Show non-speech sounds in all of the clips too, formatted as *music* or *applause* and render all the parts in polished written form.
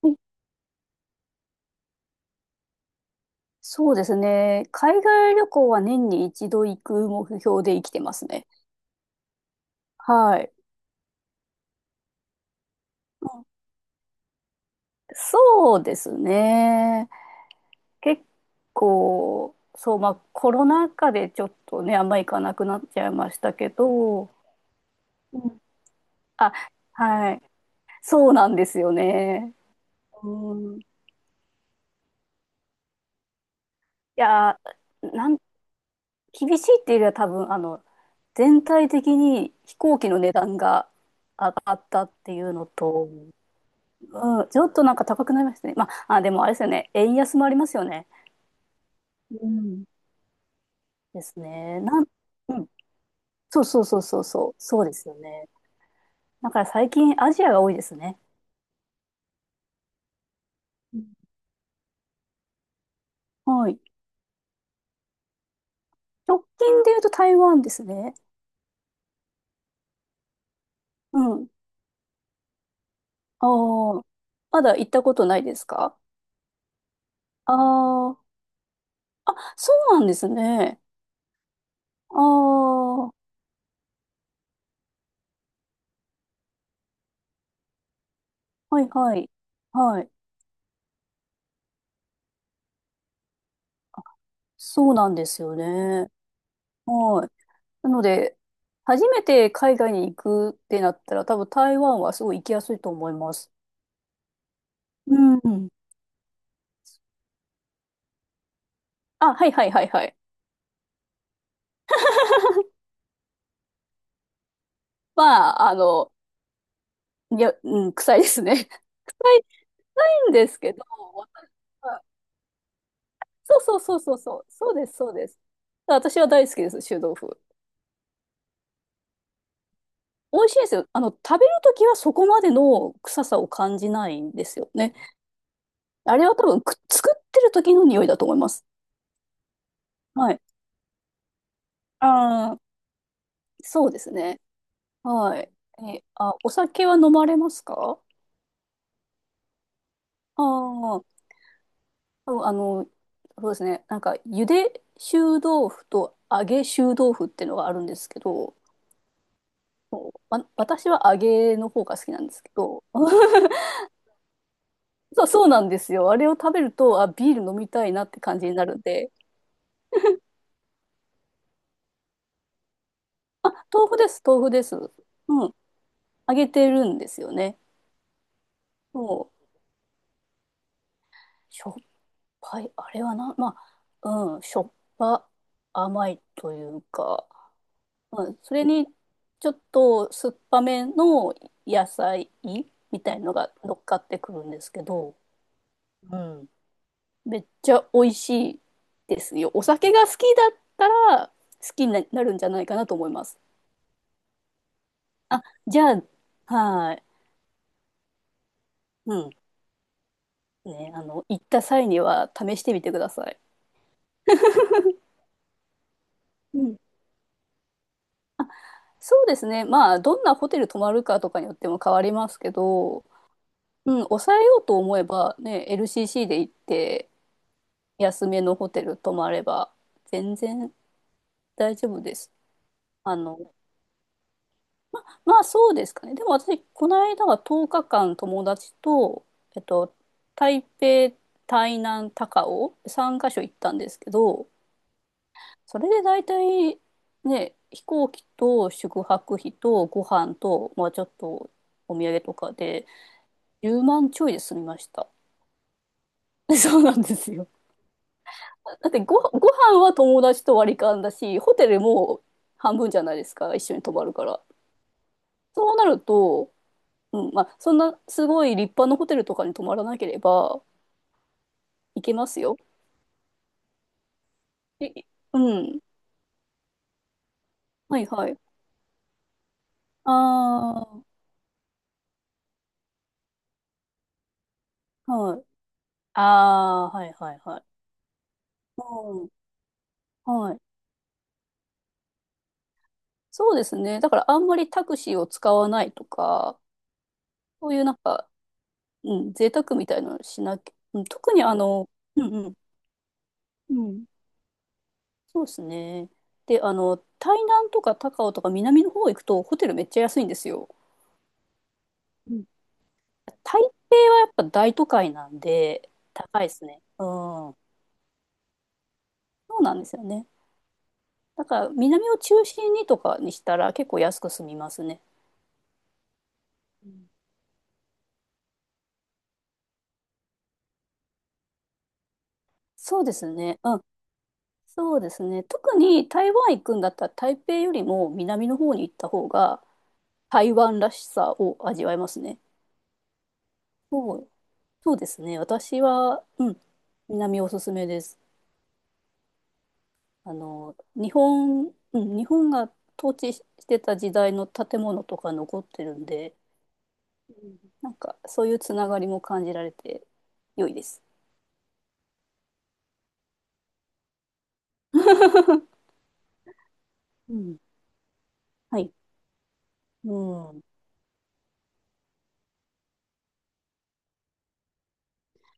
はい。そうですね。海外旅行は年に一度行く目標で生きてますね。はい。うん。そうですね。結構、そう、まあコロナ禍でちょっとね、あんま行かなくなっちゃいましたけど、うん。あ、はい。そうなんですよね。うん。いや、なん、厳しいっていうよりは多分、全体的に飛行機の値段が上がったっていうのと、うん、ちょっとなんか高くなりましたね。まあ、あ、でもあれですよね。円安もありますよね。うん。ですね。うん。そうそうそうそうそう。そうですよね。だから最近アジアが多いですね。うん。はい。直近で言うと台湾ですね。うん。ああ。まだ行ったことないですか？ああー。あ、そうなんですね。ああ。はいはい。はい。そうなんですよね。はい。なので、初めて海外に行くってなったら、多分台湾はすごい行きやすいと思います。うん。あ、はいはいはいはい。*laughs* まあ、いや、うん、臭いですね。*laughs* 臭いんですけど、そうそうそうそうそう、そうです、そうです。私は大好きです、臭豆腐。美味しいですよ。食べるときはそこまでの臭さを感じないんですよね。あれは多分作ってる時の匂いだと思います。はい。ああ、そうですね。はい。え、あ、お酒は飲まれますか？ああ。そう、そうですね。なんか、ゆで臭豆腐と揚げ臭豆腐っていうのがあるんですけど、そう、私は揚げの方が好きなんですけど、*laughs* あ、そう、そうなんですよ。あれを食べると、あ、ビール飲みたいなって感じになるんで、あ、豆腐です、豆腐です。うん、揚げてるんですよね。そう、しょっぱい、あれはな、まあ、うん、しょっぱ、甘いというか、はい。それに、ちょっと酸っぱめの野菜みたいのが乗っかってくるんですけど、うん。めっちゃ美味しいですよ。お酒が好きだったら好きになるんじゃないかなと思います。あ、じゃあ、はい。うん。ね、行った際には試してみてください。うん。そうですね。まあ、どんなホテル泊まるかとかによっても変わりますけど、うん、抑えようと思えばね、LCC で行って、安めのホテル泊まれば全然大丈夫です。あの、まあそうですかね。でも私、この間は10日間友達と、えっと、台北、台南、高雄、3カ所行ったんですけど、それで大体ね、飛行機と宿泊費とご飯と、まあちょっとお土産とかで10万ちょいで済みました。*laughs* そうなんですよ。だってご飯は友達と割り勘だし、ホテルも半分じゃないですか、一緒に泊まるから。そうなると、うん、まあ、そんなすごい立派なホテルとかに泊まらなければ行けますよ。え、うん。はいはい。ああ、はい。ああ、はいはいはい。うん、はい。そうですね。だからあんまりタクシーを使わないとか、そういうなんか、うん、贅沢みたいなのしなきゃ、うん、特にうんうん。うん。そうですね。で、台南とか高雄とか南の方行くとホテルめっちゃ安いんですよ。うん。台北はやっぱ大都会なんで高いですね。うん。そうなんですよね。だから南を中心にとかにしたら結構安く済みますね。うん。そうですね。うん。そうですね。特に台湾行くんだったら台北よりも南の方に行った方が台湾らしさを味わえますね。そう、そうですね。私は、うん、南おすすめです。日本、うん、日本が統治してた時代の建物とか残ってるんで、うん。なんかそういうつながりも感じられて良いです。*laughs* うん。はい。うん。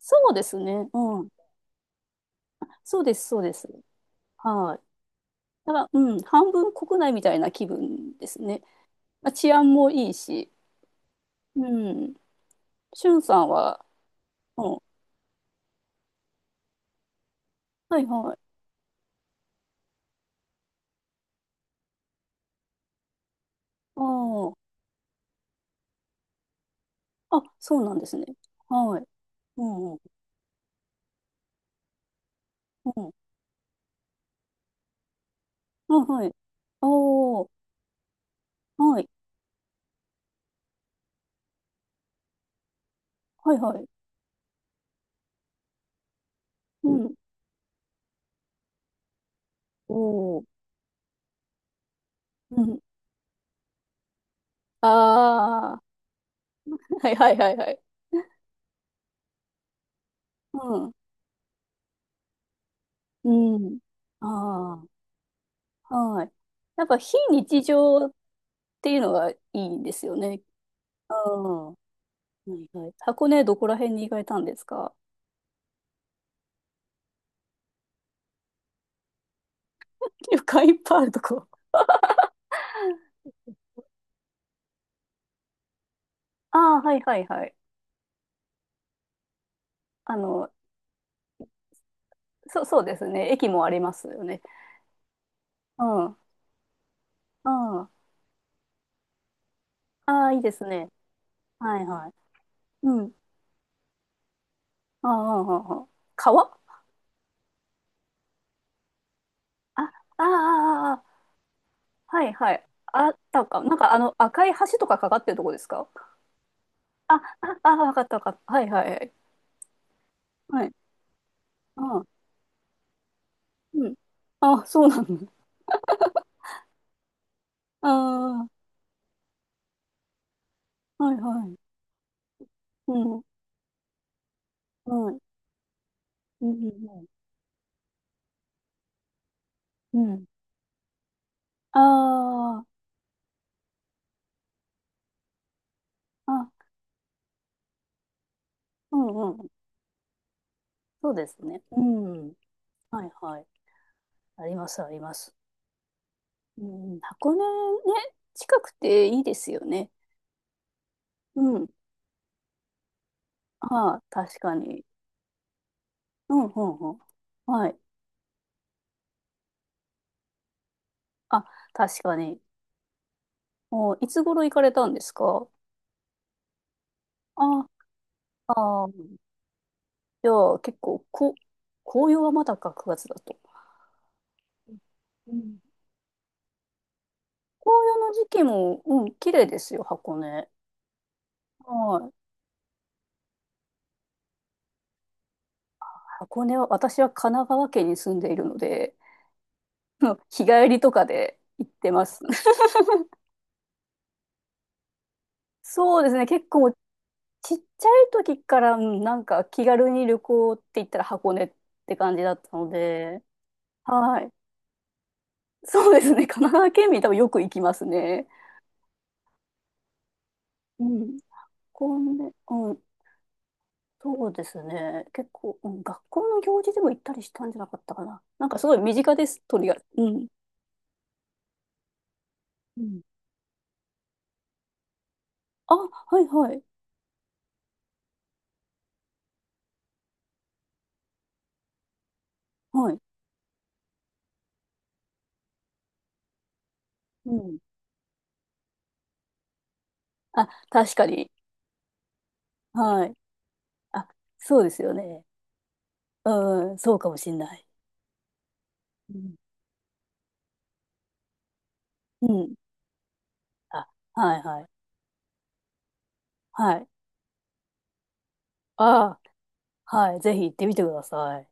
そうですね。うん。そうです、そうです。はい。だから、うん、半分国内みたいな気分ですね。まあ、治安もいいし。うん。しゅんさんは、うん。はいはい。ああ。あ、そうなんですね。はい。うんうん。うん。あ、はい。おー、はい。はいはい。うん。おー。うん。ああ、*laughs* はいはいはいはい。うん。うん。ああ、はい。なんか非日常っていうのがいいんですよね。ああ、はいはい。箱根どこら辺に行かれたんですか？旅館 *laughs* いっぱいあるとこ。ああ、はいはいはい。あの、そう、そうですね。駅もありますよね。うん。ああ、ああ、いいですね。はいはい。うん。ああ、ああ、ああ、川、あ、ああ、ああ、はいはい。あったか。なんかあの赤い橋とかかかってるとこですか？あ、あ、あ、わかったわかった。はいはいはい。はい。ああ、うん。あ、そうなの。ああ、はいはい。うん。はい。うんうんうん。うん。ああ、あ、うんうん。そうですね。うん。はいはい。あります、あります。うん、箱根ね、近くていいですよね。うん。ああ、確かに。うんうんうん。はい。あ、確かに。お、いつ頃行かれたんですか？あ、あー、じゃあ結構、紅葉はまだか9月だと。うん。紅葉の時期も、うん、綺麗ですよ、箱根。はい。箱根は、私は神奈川県に住んでいるので、*laughs* 日帰りとかで行ってます。*laughs* そうですね、結構、ちっちゃい時から、うん。なんか気軽に旅行って言ったら箱根って感じだったので、はい。そうですね、神奈川県民多分よく行きますね。うん。うん、そうですね。結構、うん、学校の行事でも行ったりしたんじゃなかったかな。なんかすごい身近です、とりあえず。うん。うん。あ、はいはい。はい。うん。あ、確かに。はい。あ、そうですよね。うん、そうかもしんない。うん。うん。あ、はいはい。はい。あ、はい。ぜひ行ってみてください。